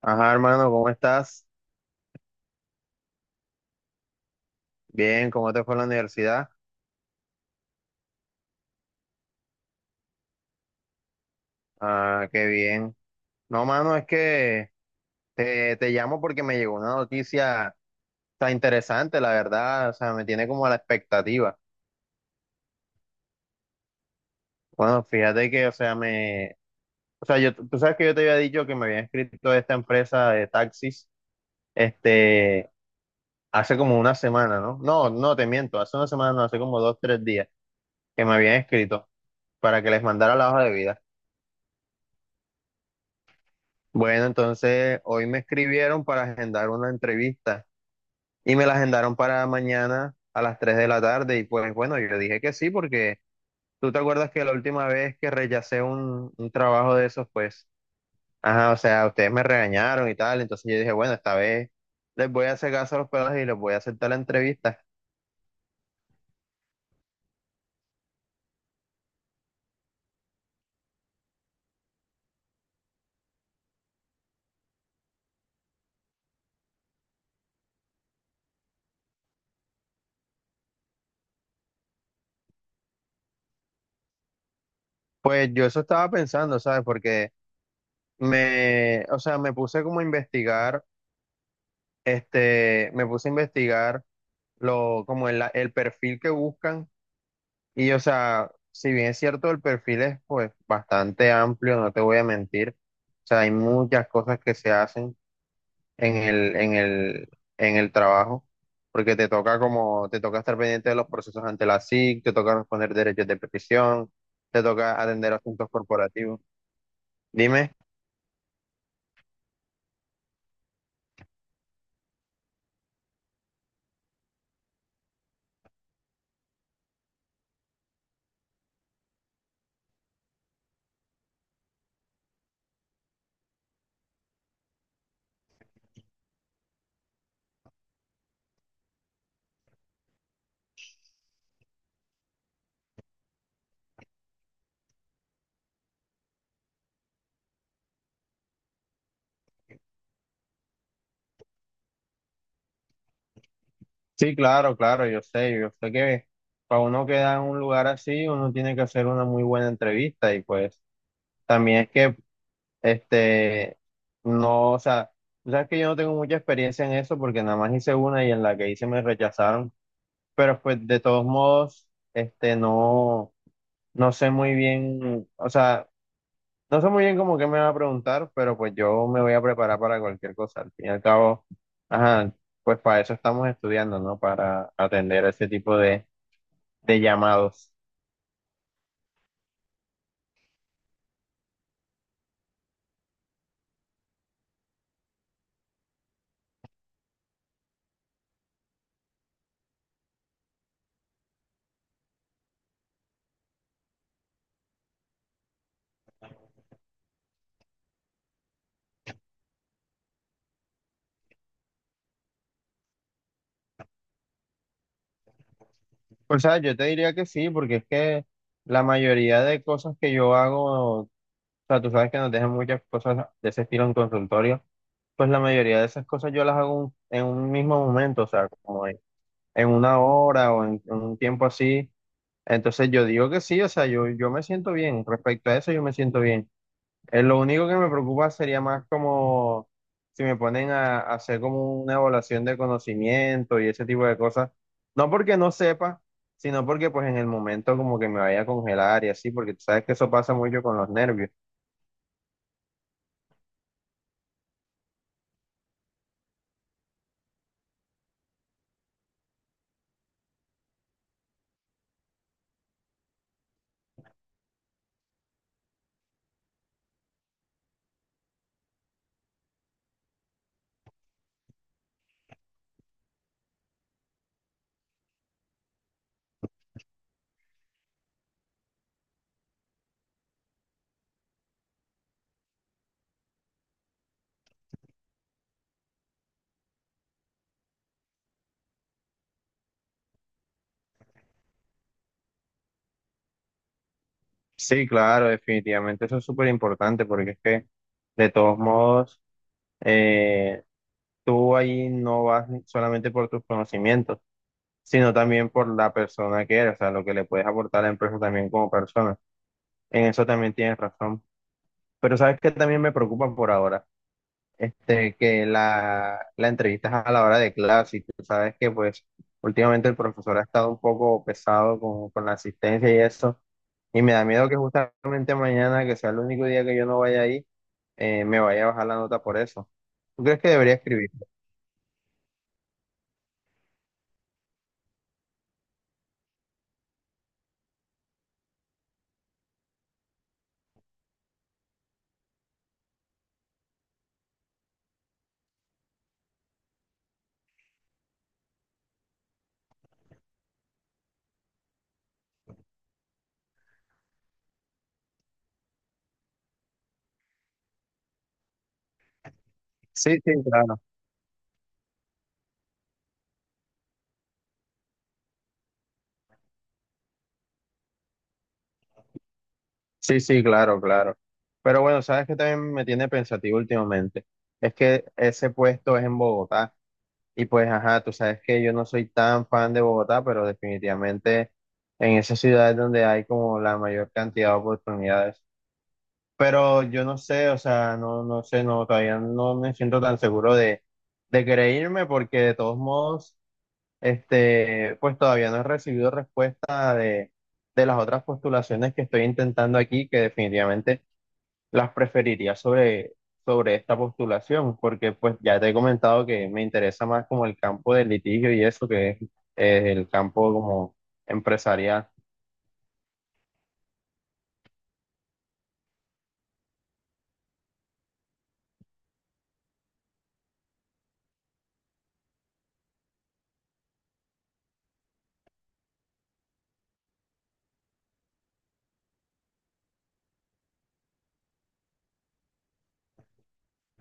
Ajá, hermano, ¿cómo estás? Bien, ¿cómo te fue en la universidad? Ah, qué bien. No, mano, es que te llamo porque me llegó una noticia tan interesante, la verdad, o sea, me tiene como a la expectativa. Bueno, fíjate que, o sea, me, o sea, yo, tú sabes que yo te había dicho que me había inscrito a esta empresa de taxis, este, hace como una semana, ¿no? No, no, te miento, hace una semana, no, hace como dos, tres días que me habían escrito para que les mandara la hoja de vida. Bueno, entonces hoy me escribieron para agendar una entrevista y me la agendaron para mañana a las 3 de la tarde y pues bueno, yo dije que sí porque tú te acuerdas que la última vez que rechacé un trabajo de esos, pues, ajá, o sea, ustedes me regañaron y tal, entonces yo dije, bueno, esta vez les voy a hacer caso a los pelos y les voy a aceptar la entrevista. Pues yo eso estaba pensando, ¿sabes? Porque me, o sea, me puse como a investigar, me puse a investigar lo, como el perfil que buscan. Y o sea, si bien es cierto, el perfil es pues bastante amplio, no te voy a mentir. O sea, hay muchas cosas que se hacen en el, en el, en el trabajo, porque te toca como, te toca estar pendiente de los procesos ante la SIC, te toca responder derechos de petición, te toca atender asuntos corporativos. Dime. Sí, claro, claro, yo sé que para uno quedar en un lugar así, uno tiene que hacer una muy buena entrevista y pues también es que Este, no, o sea, tú sabes que yo no tengo mucha experiencia en eso porque nada más hice una y en la que hice me rechazaron, pero pues de todos modos, no, no sé muy bien, o sea, no sé muy bien cómo que me va a preguntar, pero pues yo me voy a preparar para cualquier cosa. Al fin y al cabo, ajá, pues para eso estamos estudiando, ¿no? Para atender ese tipo de llamados. Pues, o sea, yo te diría que sí, porque es que la mayoría de cosas que yo hago. O sea, tú sabes que nos dejan muchas cosas de ese estilo en consultorio. Pues la mayoría de esas cosas yo las hago en un mismo momento, o sea, como en una hora o en un tiempo así. Entonces yo digo que sí, o sea, yo me siento bien. Respecto a eso, yo me siento bien. Lo único que me preocupa sería más como si me ponen a hacer como una evaluación de conocimiento y ese tipo de cosas. No porque no sepa, sino porque pues en el momento como que me vaya a congelar y así, porque tú sabes que eso pasa mucho con los nervios. Sí, claro, definitivamente eso es súper importante porque es que de todos modos eh, tú ahí no vas solamente por tus conocimientos, sino también por la persona que eres, o sea, lo que le puedes aportar a la empresa también como persona. En eso también tienes razón. Pero sabes que también me preocupa por ahora que la entrevistas a la hora de clase y tú sabes que pues últimamente el profesor ha estado un poco pesado con la asistencia y eso, y me da miedo que justamente mañana, que sea el único día que yo no vaya ahí, me vaya a bajar la nota por eso. ¿Tú crees que debería escribir? Sí, sí, claro. Sí, sí, claro, claro. Pero bueno, sabes que también me tiene pensativo últimamente. Es que ese puesto es en Bogotá. Y pues, ajá, tú sabes que yo no soy tan fan de Bogotá, pero definitivamente en esa ciudad es donde hay como la mayor cantidad de oportunidades. Pero yo no sé, o sea, no, no sé, no, todavía no me siento tan seguro de querer irme porque de todos modos. Pues todavía no he recibido respuesta de las otras postulaciones que estoy intentando aquí, que definitivamente las preferiría sobre, sobre esta postulación, porque pues ya te he comentado que me interesa más como el campo del litigio y eso que es el campo como empresarial.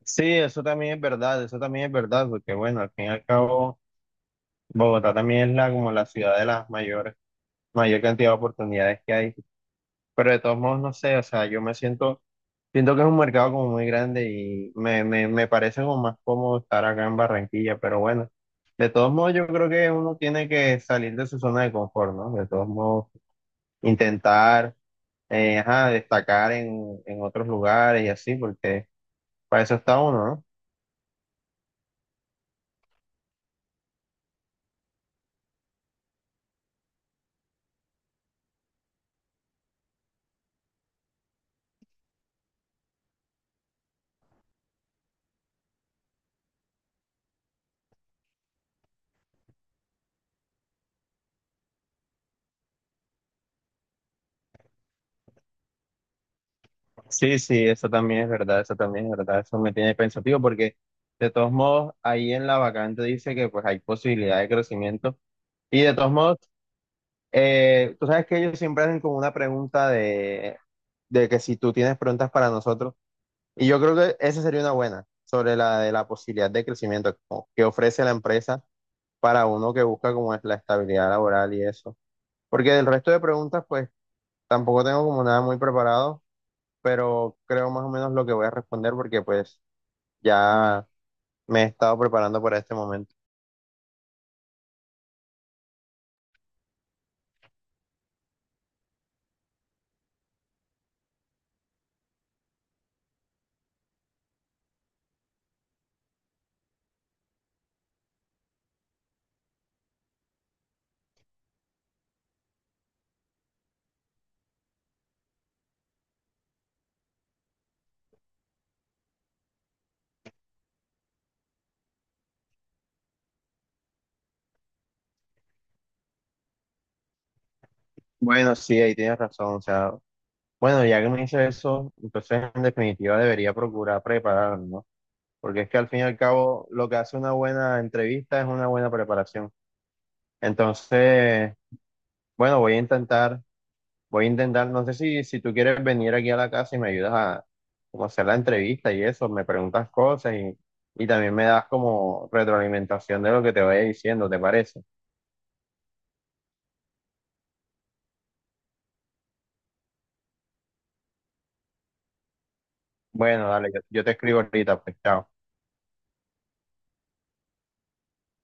Sí, eso también es verdad, eso también es verdad, porque bueno, al fin y al cabo, Bogotá también es la, como la ciudad de las mayores, mayor cantidad de oportunidades que hay. Pero de todos modos, no sé, o sea, yo me siento. Siento que es un mercado como muy grande y me parece como más cómodo estar acá en Barranquilla, pero bueno, de todos modos yo creo que uno tiene que salir de su zona de confort, ¿no? De todos modos, intentar ajá, destacar en otros lugares y así, porque para eso está uno, ¿no? Sí, sí, eso también es verdad, eso también es verdad, eso me tiene pensativo porque de todos modos ahí en la vacante dice que pues hay posibilidad de crecimiento y de todos modos... tú sabes que ellos siempre hacen como una pregunta de que si tú tienes preguntas para nosotros, y yo creo que esa sería una buena, sobre la de la posibilidad de crecimiento como que ofrece la empresa para uno que busca como es la estabilidad laboral y eso. Porque del resto de preguntas, pues tampoco tengo como nada muy preparado, pero creo más o menos lo que voy a responder porque pues ya me he estado preparando para este momento. Bueno, sí, ahí tienes razón, o sea, bueno, ya que me dice eso, entonces en definitiva debería procurar prepararme, ¿no? Porque es que al fin y al cabo lo que hace una buena entrevista es una buena preparación. Entonces, bueno, voy a intentar, no sé si, si tú quieres venir aquí a la casa y me ayudas a como hacer la entrevista y eso, me preguntas cosas y también me das como retroalimentación de lo que te vaya diciendo, ¿te parece? Bueno, dale, yo te escribo ahorita, pues chao.